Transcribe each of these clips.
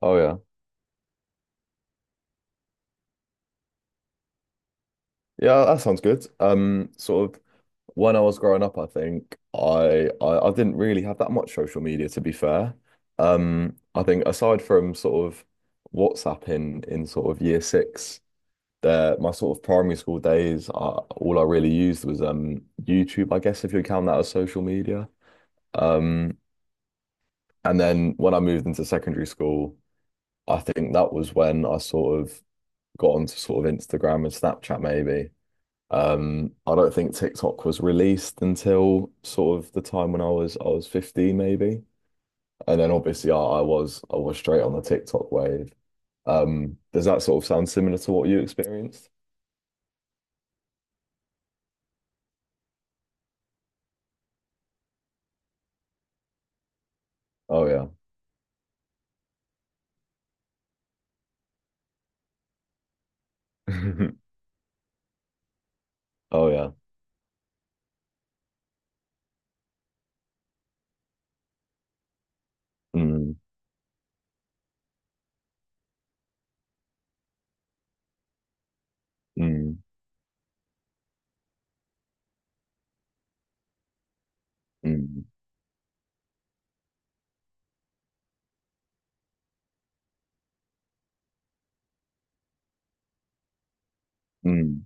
Oh yeah. Yeah, that sounds good. Sort of when I was growing up, I think I didn't really have that much social media to be fair. I think aside from sort of WhatsApp in sort of year 6, there my sort of primary school days, all I really used was YouTube, I guess if you count that as social media. Um, and then when I moved into secondary school, I think that was when I sort of got onto sort of Instagram and Snapchat maybe. I don't think TikTok was released until sort of the time when I was 15 maybe. And then obviously I was straight on the TikTok wave. Does that sort of sound similar to what you experienced? Oh yeah. Oh yeah. Mm, mm, mm, mm.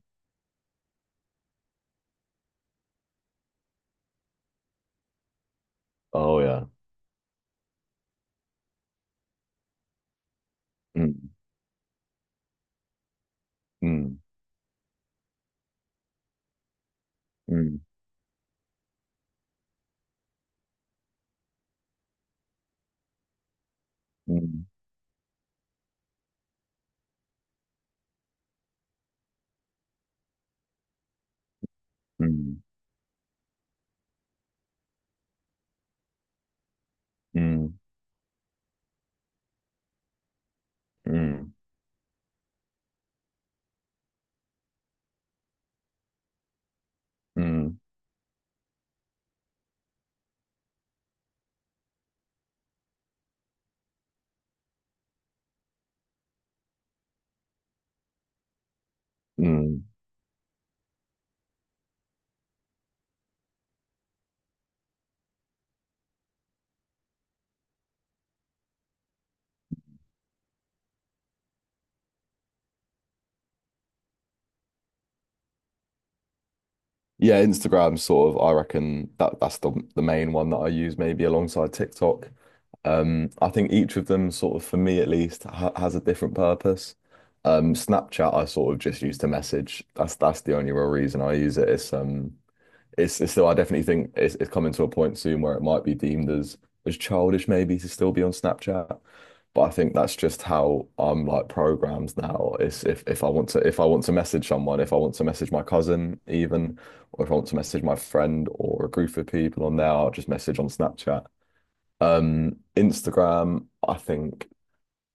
Oh yeah. Mm, mm, mm, mm, mm, mm, mm, mm, mm. Mm. Yeah, Instagram sort of, I reckon that's the main one that I use maybe alongside TikTok. I think each of them sort of for me at least ha has a different purpose. Snapchat I sort of just use to message. That's the only real reason I use it. It's still, I definitely think it's coming to a point soon where it might be deemed as childish maybe to still be on Snapchat. But I think that's just how I'm like programmed now. It's if I want to message someone, if I want to message my cousin even, or if I want to message my friend or a group of people on there, I'll just message on Snapchat. Instagram, I think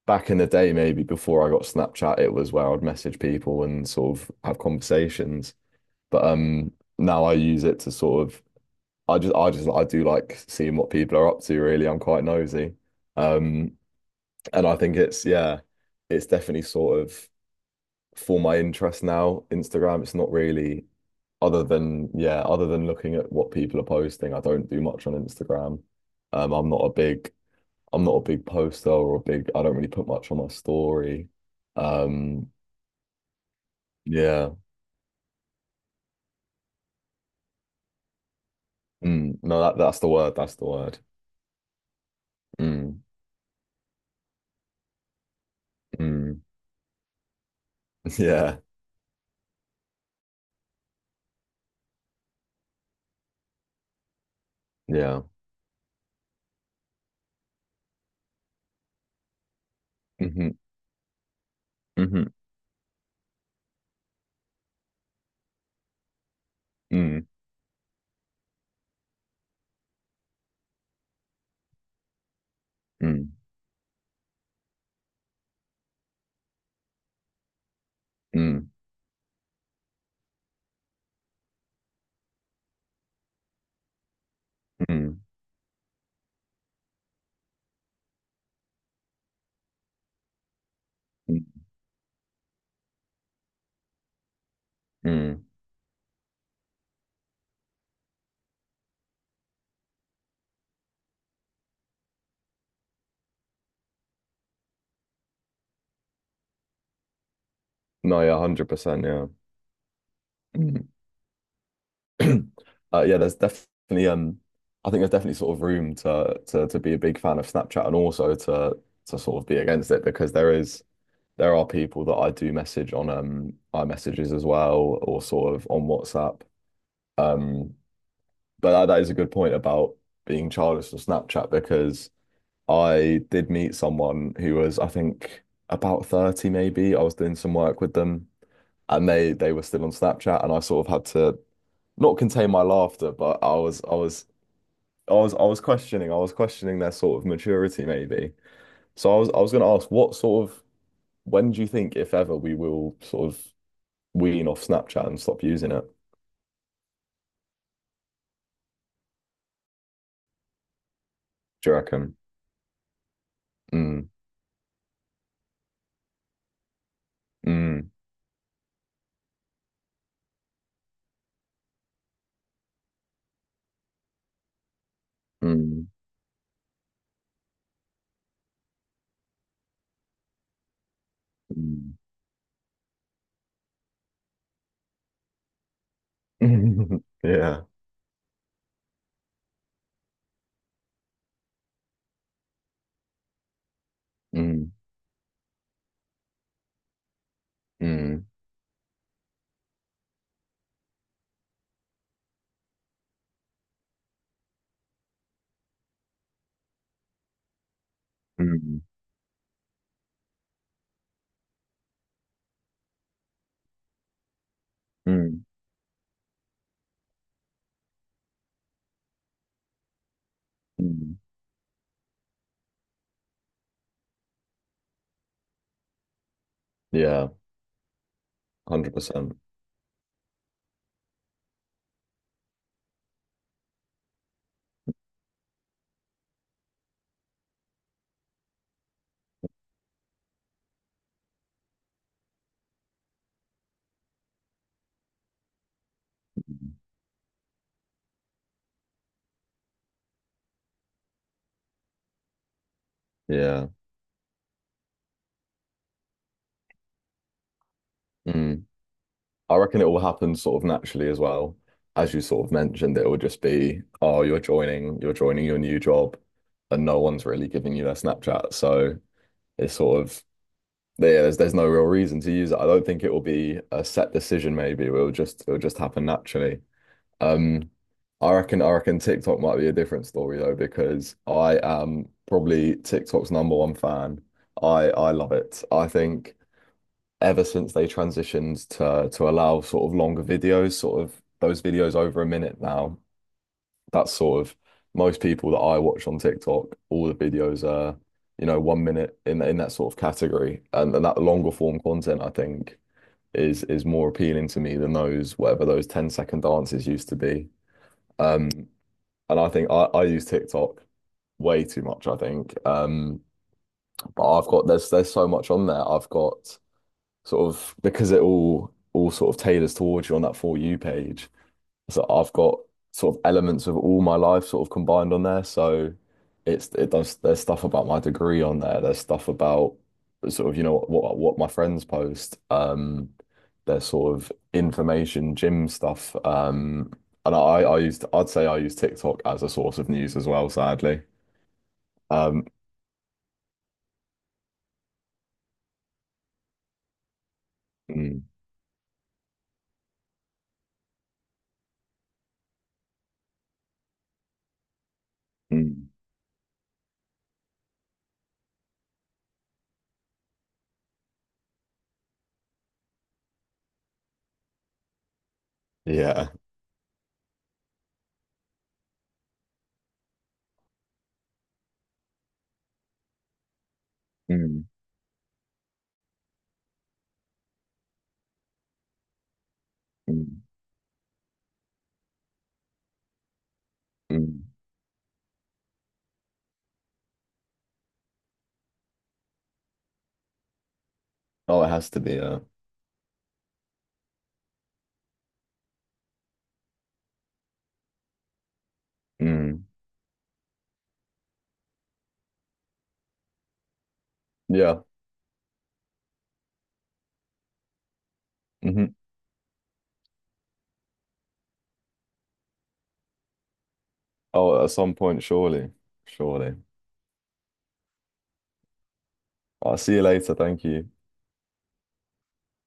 back in the day, maybe before I got Snapchat, it was where I'd message people and sort of have conversations. But now I use it to sort of I just I just I do like seeing what people are up to really. I'm quite nosy. Um and I think it's, yeah, it's definitely sort of for my interest now. Instagram, it's not really other than, yeah, other than looking at what people are posting, I don't do much on Instagram. Um I'm not a big I'm not a big poster or a big I don't really put much on my story. Um yeah. Mm, no, that's the word, that's the word. Mm, mm, yeah. Yeah. Hmm, hmm, mm, mm. Mm, mm, mm, mm. No, yeah, 100%, yeah. Mm. Yeah, there's definitely I think there's definitely sort of room to be a big fan of Snapchat and also to sort of be against it because there are people that I do message on iMessages as well or sort of on WhatsApp. Um but that is a good point about being childish on Snapchat because I did meet someone who was I think about 30 maybe. I was doing some work with them and they were still on Snapchat, and I sort of had to not contain my laughter, but I was I was I was I was questioning their sort of maturity maybe. So I was going to ask what sort of when do you think if ever we will sort of wean off Snapchat and stop using it? Do you reckon? Mm, mm, mm, mm. Yeah. Mm, mm, mm, mm, mm. Yeah, 100%. Yeah. Mm. I reckon it will happen sort of naturally as well. As you sort of mentioned, it will just be, oh, you're joining your new job, and no one's really giving you their Snapchat. So it's sort of yeah, there's no real reason to use it. I don't think it will be a set decision, maybe. It'll just happen naturally. Um, I reckon TikTok might be a different story though, because I am probably TikTok's number one fan. I love it. I think ever since they transitioned to allow sort of longer videos, sort of those videos over a minute now. That's sort of most people that I watch on TikTok, all the videos are, 1 minute in that sort of category. And that longer form content, I think, is more appealing to me than those 10 second dances used to be. Um, and I think I use TikTok way too much, I think. But I've got there's so much on there. I've got sort of because it all sort of tailors towards you on that For You page. So I've got sort of elements of all my life sort of combined on there. So it's it does there's stuff about my degree on there. There's stuff about sort of what my friends post. There's sort of information, gym stuff. And I'd say I use TikTok as a source of news as well, sadly. Um, mm, mm, yeah. Mm, mm, mm. Oh, it has to be a. Mm. Yeah. Hmm. Oh, at some point, surely. Surely. I'll see you later. Thank you.